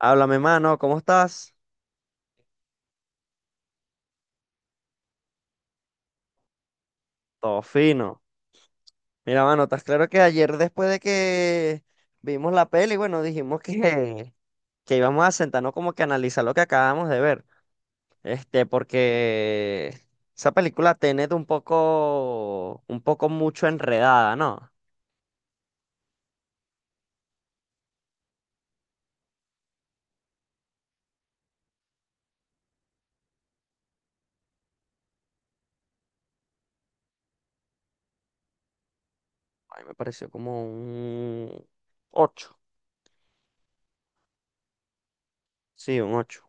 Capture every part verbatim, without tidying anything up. Háblame, mano, ¿cómo estás? Todo fino. Mira, mano, estás claro que ayer después de que vimos la peli, bueno, dijimos que, que íbamos a sentarnos como que a analizar lo que acabamos de ver. Este, porque esa película Tenet un poco, un poco mucho enredada, ¿no? A mí me pareció como un ocho. Sí, un ocho.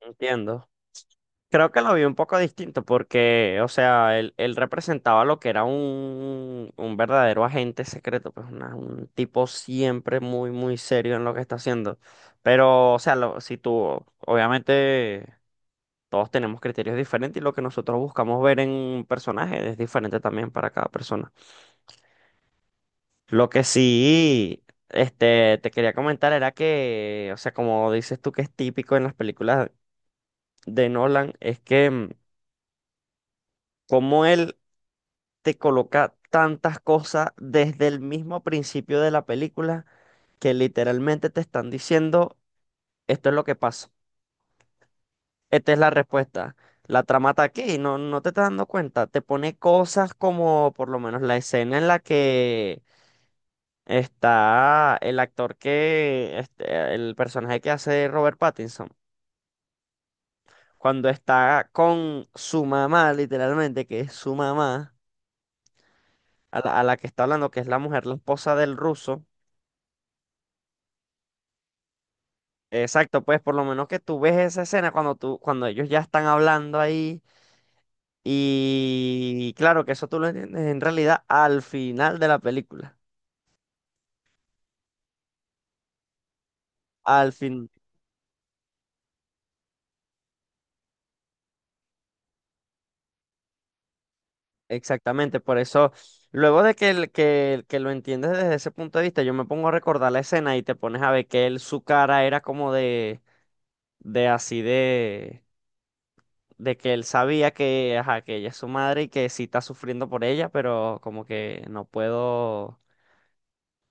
Entiendo. Creo que lo vi un poco distinto porque, o sea, él, él representaba lo que era un, un verdadero agente secreto, pues una- un tipo siempre muy, muy serio en lo que está haciendo. Pero, o sea, lo- si tú, obviamente, todos tenemos criterios diferentes y lo que nosotros buscamos ver en un personaje es diferente también para cada persona. Lo que sí, este, te quería comentar era que, o sea, como dices tú que es típico en las películas de Nolan, es que... mm, como él te coloca tantas cosas desde el mismo principio de la película que literalmente te están diciendo, esto es lo que pasa, esta es la respuesta. La trama está aquí, no, no te estás dando cuenta. Te pone cosas como por lo menos la escena en la que está el actor que, este, el personaje que hace Robert Pattinson, cuando está con su mamá, literalmente, que es su mamá, a la, a la que está hablando, que es la mujer, la esposa del ruso. Exacto, pues por lo menos que tú ves esa escena cuando tú, cuando ellos ya están hablando ahí y claro que eso tú lo entiendes en realidad al final de la película, al fin, exactamente, por eso luego de que, el- que, el- que lo entiendes desde ese punto de vista, yo me pongo a recordar la escena y te pones a ver que él, su cara era como de, de así de, de que él sabía que, ajá, que ella es su madre y que sí está sufriendo por ella, pero como que no puedo,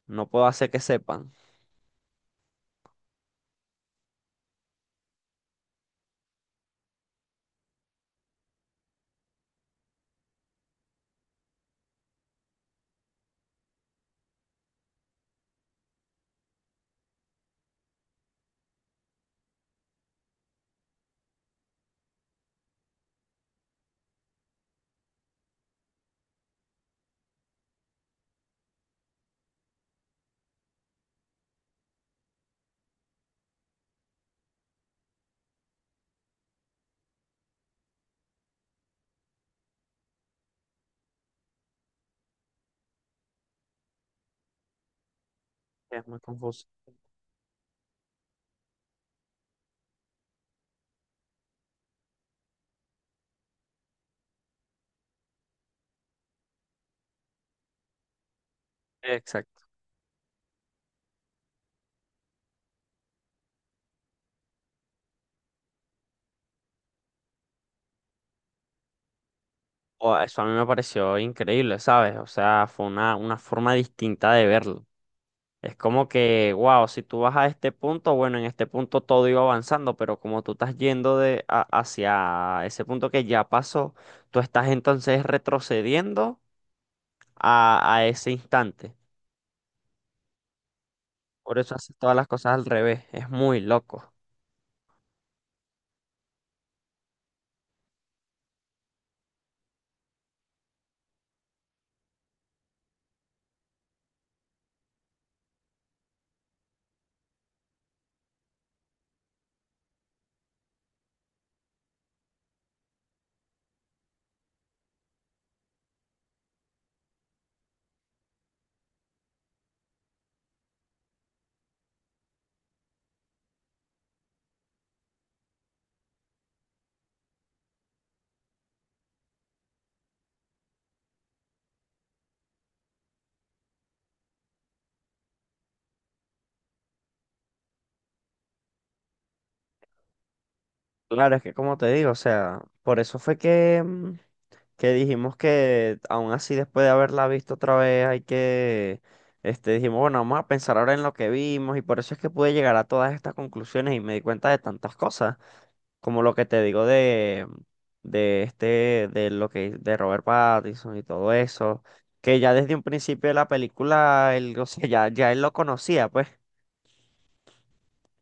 no puedo hacer que sepan. Es muy confuso. Exacto. O- Eso a mí me pareció increíble, ¿sabes? O sea, fue una, una forma distinta de verlo. Es como que, wow, si tú vas a este punto, bueno, en este punto todo iba avanzando, pero como tú estás yendo de, a- hacia ese punto que ya pasó, tú estás entonces retrocediendo a, a ese instante. Por eso haces todas las cosas al revés. Es muy loco. Claro, es que como te digo, o sea, por eso fue que... mm, que dijimos que aún así después de haberla visto otra vez hay que, este, dijimos, bueno, vamos a pensar ahora en lo que vimos y por eso es que pude llegar a todas estas conclusiones y me di cuenta de tantas cosas, como lo que te digo de, de este, de lo que, de Robert Pattinson y todo eso, que ya desde un principio de la película, él, o sea, ya, ya él lo conocía, pues.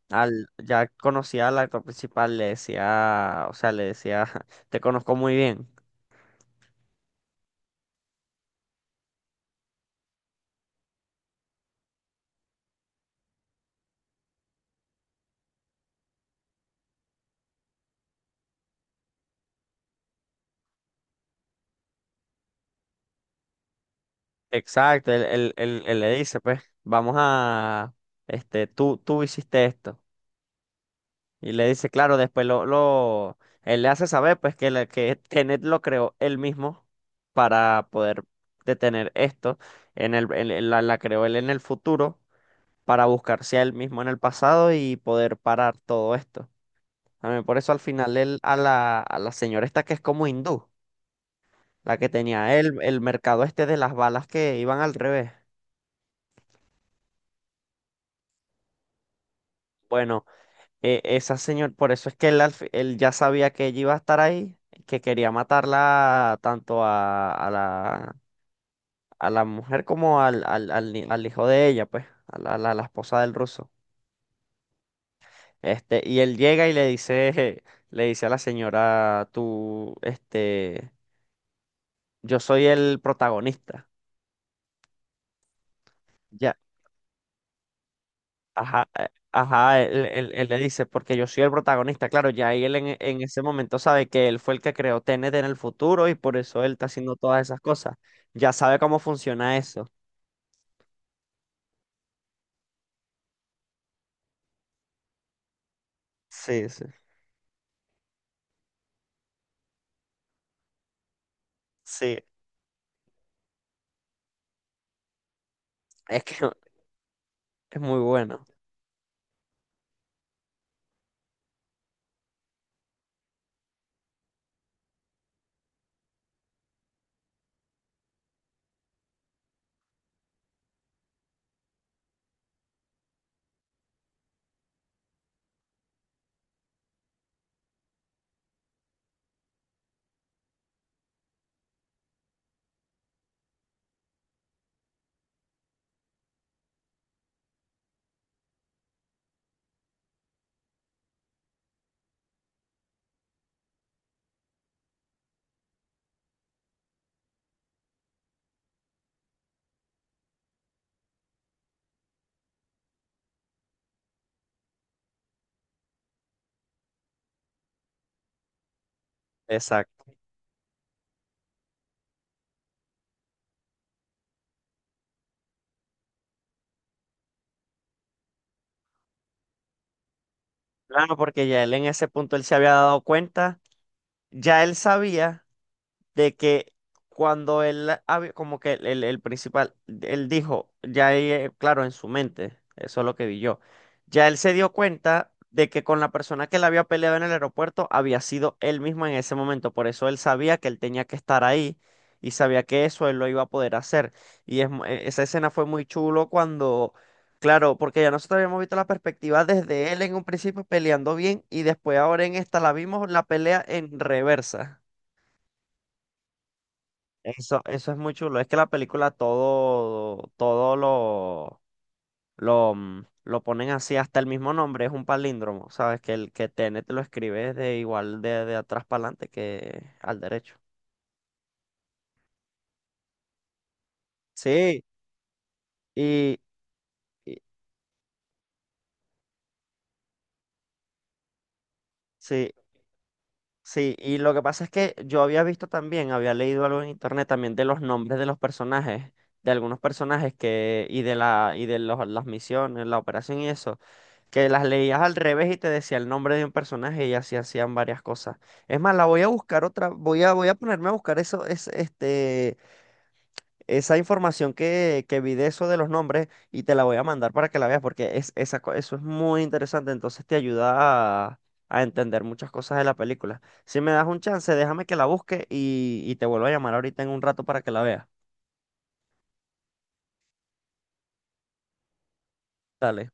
Al, ya conocía al actor principal, le decía, o sea, le decía, te conozco muy bien. Exacto, él, él- él- él le dice, pues, vamos a, este, tú, tú hiciste esto. Y le dice, claro, después lo, lo, él le hace saber, pues, que, la- que Tenet lo creó él mismo para poder detener esto. En el, en- en la, la creó él en el futuro para buscarse a él mismo en el pasado y poder parar todo esto. También por eso al final él, a la, a la señora esta que es como hindú, la que tenía él, el mercado este de las balas que iban al revés. Bueno. e- esa señora, por eso es que él, al fi- él ya sabía que ella iba a estar ahí, que quería matarla tanto a, a la, a la mujer como al, al, al ni- al hijo de ella, pues, a la, la- la esposa del ruso. Este, y él llega y le dice, le dice a la señora, tú, este, yo soy el protagonista. Ajá, eh, ajá, él, él- él le dice, porque yo soy el protagonista, claro, ya y él en, en ese momento sabe que él fue el que creó T N T en el futuro y por eso él está haciendo todas esas cosas. Ya sabe cómo funciona eso. Sí, sí, sí, es que es muy bueno. Exacto. Claro, porque ya él en ese punto él se había dado cuenta, ya él sabía de que cuando él, hab- como que el, el- principal, él dijo, ya ahí, eh, claro, en su mente, eso es lo que vi yo, ya él se dio cuenta de que con la persona que le había peleado en el aeropuerto había sido él mismo en ese momento, por eso él sabía que él tenía que estar ahí y sabía que eso él lo iba a poder hacer. Y es, mu- e- esa escena fue muy chulo cuando... Claro, porque ya nosotros habíamos visto la perspectiva desde él en un principio peleando bien y después ahora en esta la vimos la pelea en reversa. Eso, eso es muy chulo. Es que la película todo, todo lo, lo, mm, lo ponen así, hasta el mismo nombre, es un palíndromo, ¿sabes? Que el que T N te lo escribe de igual de, de atrás para adelante que al derecho. Sí, y, y- sí. Sí, y lo que pasa es que yo había visto también, había leído algo en internet también de los nombres de los personajes, de algunos personajes que, y de la, y de los- las misiones, la operación y eso, que las leías al revés y te decía el nombre de un personaje y así hacían varias cosas. Es más, la voy a buscar otra, voy a, voy a ponerme a buscar eso, es, este, esa información que, que vi de eso de los nombres y te la voy a mandar para que la veas porque es, esa, co- eso es muy interesante, entonces te ayuda a, a entender muchas cosas de la película. Si me das un chance, déjame que la busque y, y te vuelvo a llamar ahorita en un rato para que la veas. Dale.